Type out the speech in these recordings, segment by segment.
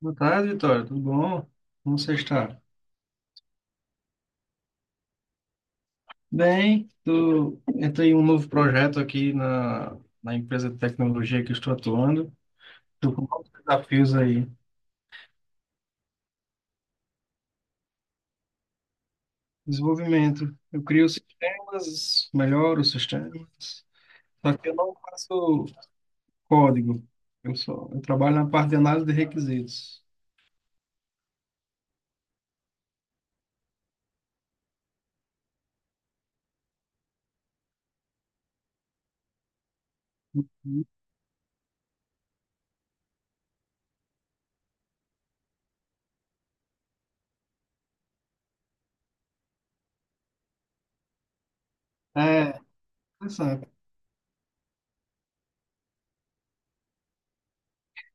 Boa tarde, Vitória. Tudo bom? Como você está? Bem, entrei em um novo projeto aqui na empresa de tecnologia que eu estou atuando. Estou com novos desafios aí. Desenvolvimento. Eu crio sistemas, melhoro os sistemas, só que eu não faço código. Eu trabalho na parte de análise de requisitos. É, interessante.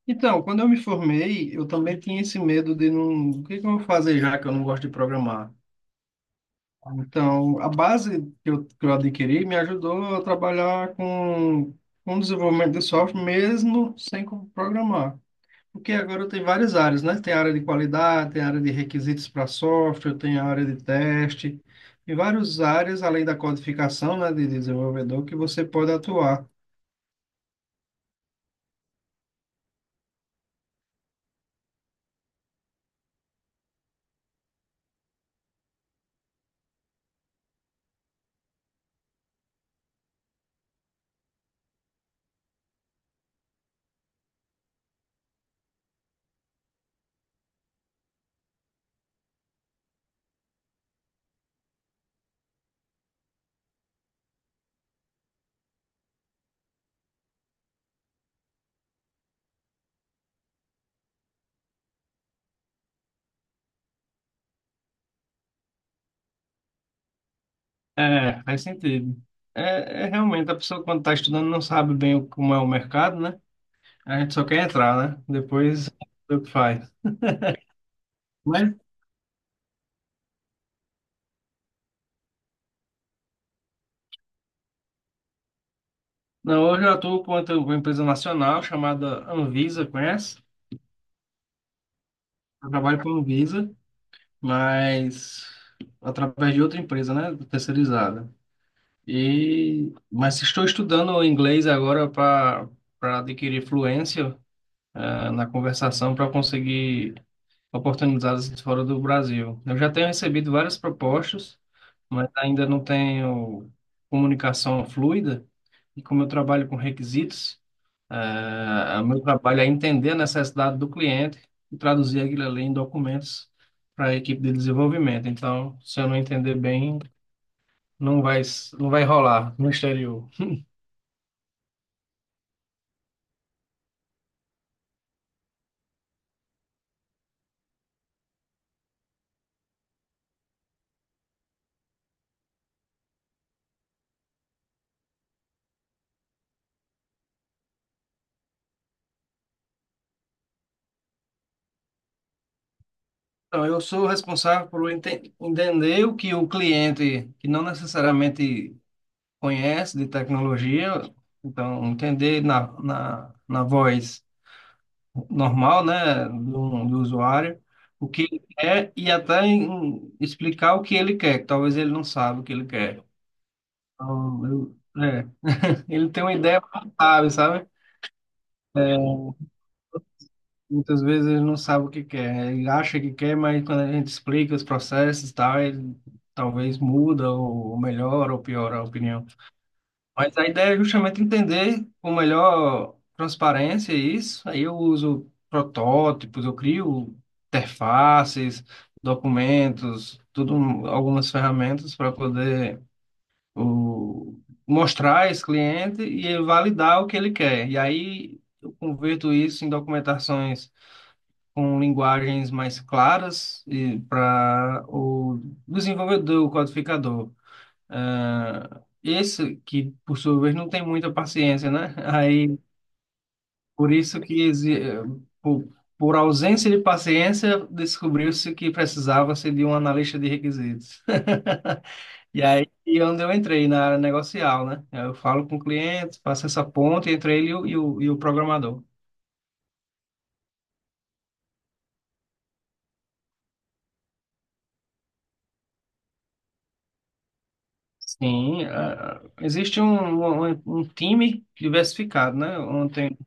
Então, quando eu me formei, eu também tinha esse medo de não... o que que eu vou fazer já que eu não gosto de programar? Então, a base que eu adquiri me ajudou a trabalhar com desenvolvimento de software, mesmo sem programar. Porque agora tem várias áreas, né? Tem área de qualidade, tem área de requisitos para software, tem área de teste, e várias áreas, além da codificação, né, de desenvolvedor, que você pode atuar. É, faz sentido. É realmente, a pessoa quando está estudando não sabe bem como é o mercado, né? A gente só quer entrar, né? Depois, o que faz. Mas Não, hoje eu atuo com uma empresa nacional chamada Anvisa, conhece? Eu trabalho com a Anvisa, mas através de outra empresa, né, terceirizada. E mas estou estudando inglês agora para adquirir fluência na conversação para conseguir oportunidades fora do Brasil. Eu já tenho recebido várias propostas, mas ainda não tenho comunicação fluida. E como eu trabalho com requisitos. O meu trabalho é entender a necessidade do cliente e traduzir aquilo ali em documentos para a equipe de desenvolvimento. Então, se eu não entender bem, não vai, não vai rolar no exterior. Então, eu sou responsável por entender o que o cliente, que não necessariamente conhece de tecnologia, então, entender na voz normal, né, do usuário, o que ele quer e até explicar o que ele quer, que talvez ele não saiba o que ele quer. Então, ele tem uma ideia, mas não sabe, sabe? É, Muitas vezes ele não sabe o que quer, ele acha que quer, mas quando a gente explica os processos e tal, ele talvez muda ou melhora ou piora a opinião. Mas a ideia é justamente entender com melhor transparência isso. Aí eu uso protótipos, eu crio interfaces, documentos, tudo, algumas ferramentas para poder o, mostrar a esse cliente e ele validar o que ele quer. E aí eu converto isso em documentações com linguagens mais claras e para o desenvolvedor, o codificador. Ah, esse que, por sua vez, não tem muita paciência, né? Aí, por isso que, por, por ausência de paciência, descobriu-se que precisava-se de um analista de requisitos. E aí, e onde eu entrei na área negocial, né? Eu falo com o cliente, faço essa ponte entre ele e o programador. Sim, ah, existe um time diversificado, né? Ontem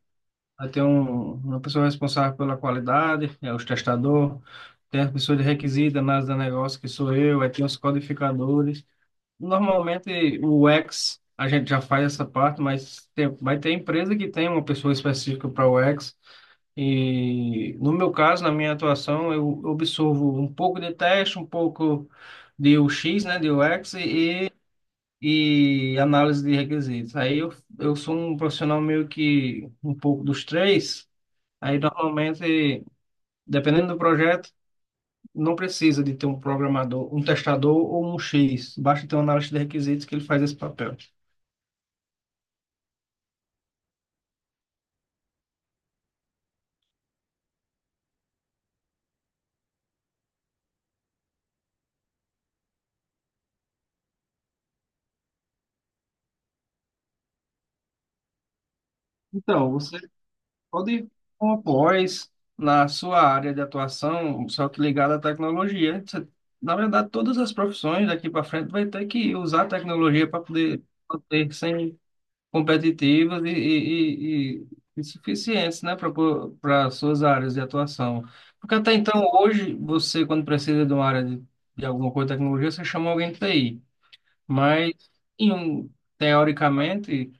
vai ter uma pessoa responsável pela qualidade, é os testador, tem as pessoas de requisito, análise do negócio, que sou eu, aí tem os codificadores. Normalmente o U X a gente já faz essa parte, mas tem, vai ter empresa que tem uma pessoa específica para o U X. E no meu caso, na minha atuação, eu absorvo um pouco de teste, um pouco de U X, né, de U X e análise de requisitos. Aí eu sou um profissional meio que um pouco dos três. Aí, normalmente, dependendo do projeto, não precisa de ter um programador, um testador ou um X. Basta ter um analista de requisitos que ele faz esse papel. Então, você pode, com a pós, na sua área de atuação, só que ligada à tecnologia. Na verdade, todas as profissões daqui para frente vai ter que usar a tecnologia para poder manter sem competitivas e suficientes, né, para suas áreas de atuação. Porque até então, hoje, você, quando precisa de uma área de alguma coisa de tecnologia, você chama alguém de TI. Mas, em um, teoricamente,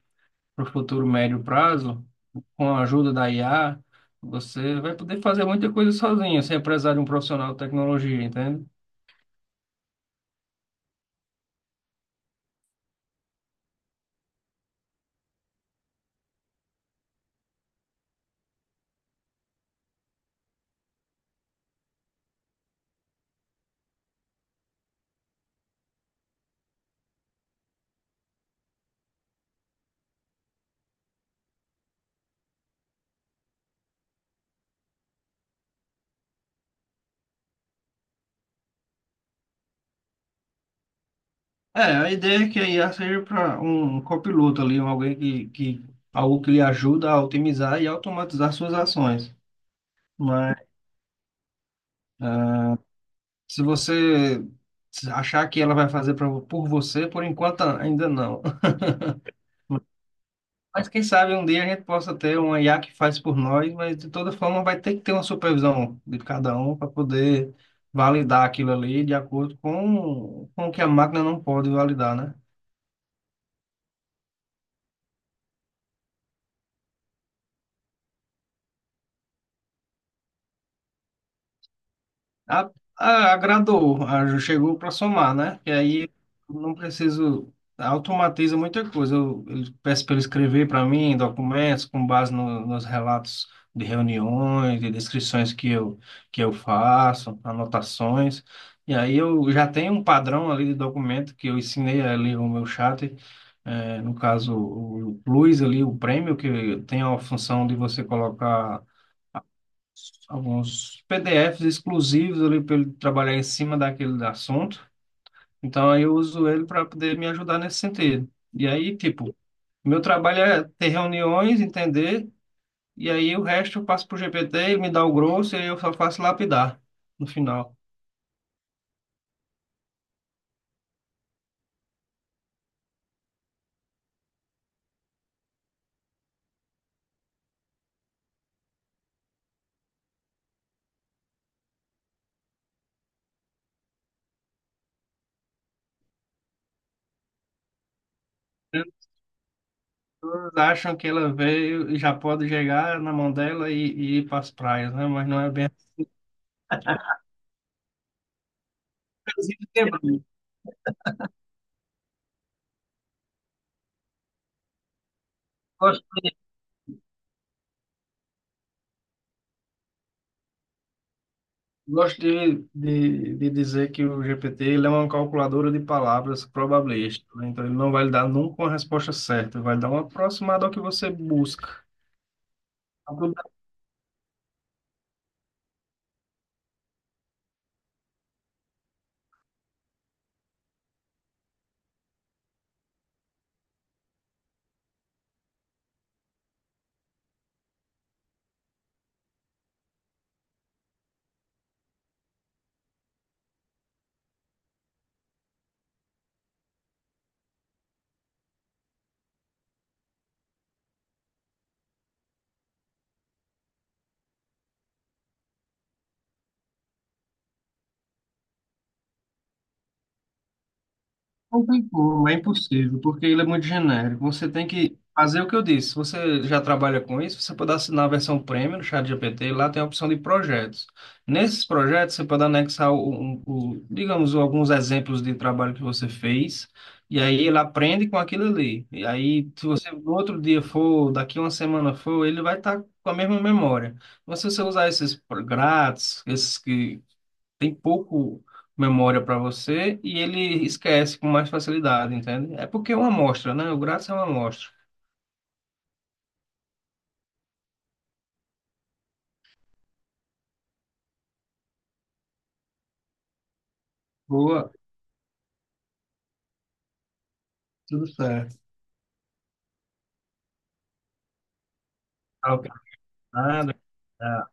para o futuro médio prazo, com a ajuda da IA, você vai poder fazer muita coisa sozinho, sem precisar de um profissional de tecnologia, entende? É, a ideia é que a IA seja para um copiloto ali, um alguém que algo que lhe ajuda a otimizar e automatizar suas ações. Mas ah, se você achar que ela vai fazer por você, por enquanto ainda não. Mas quem sabe um dia a gente possa ter uma IA que faz por nós, mas de toda forma vai ter que ter uma supervisão de cada um para poder validar aquilo ali de acordo com o que a máquina não pode validar, né? A- Agradou, chegou para somar, né? E aí eu não preciso, automatiza muita coisa. Eu peço para ele escrever para mim documentos com base nos relatos de reuniões, de descrições que eu faço, anotações. E aí eu já tenho um padrão ali de documento que eu ensinei ali o meu chat, no caso o Plus ali, o prêmio, que tem a função de você colocar alguns PDFs exclusivos ali para ele trabalhar em cima daquele assunto. Então, aí eu uso ele para poder me ajudar nesse sentido. E aí, tipo, meu trabalho é ter reuniões, entender, e aí o resto eu passo para o GPT, ele me dá o grosso e aí eu só faço lapidar no final. As pessoas acham que ela veio e já pode chegar na mão dela e ir para as praias, né? Mas não é bem assim. Gosto de dizer que o GPT ele é uma calculadora de palavras probabilística, né? Então ele não vai lhe dar nunca uma resposta certa, vai dar uma aproximada ao que você busca. Não tem como, é impossível, porque ele é muito genérico. Você tem que fazer o que eu disse. Se você já trabalha com isso, você pode assinar a versão premium no ChatGPT, lá tem a opção de projetos. Nesses projetos, você pode anexar digamos, alguns exemplos de trabalho que você fez, e aí ele aprende com aquilo ali. E aí, se você no outro dia for, daqui uma semana for, ele vai estar com a mesma memória. Mas se você usar esses grátis, esses que tem pouco memória para você e ele esquece com mais facilidade, entende? É porque é uma amostra, né? O grátis é uma amostra. Boa, tudo certo. Tá, ok. Nada.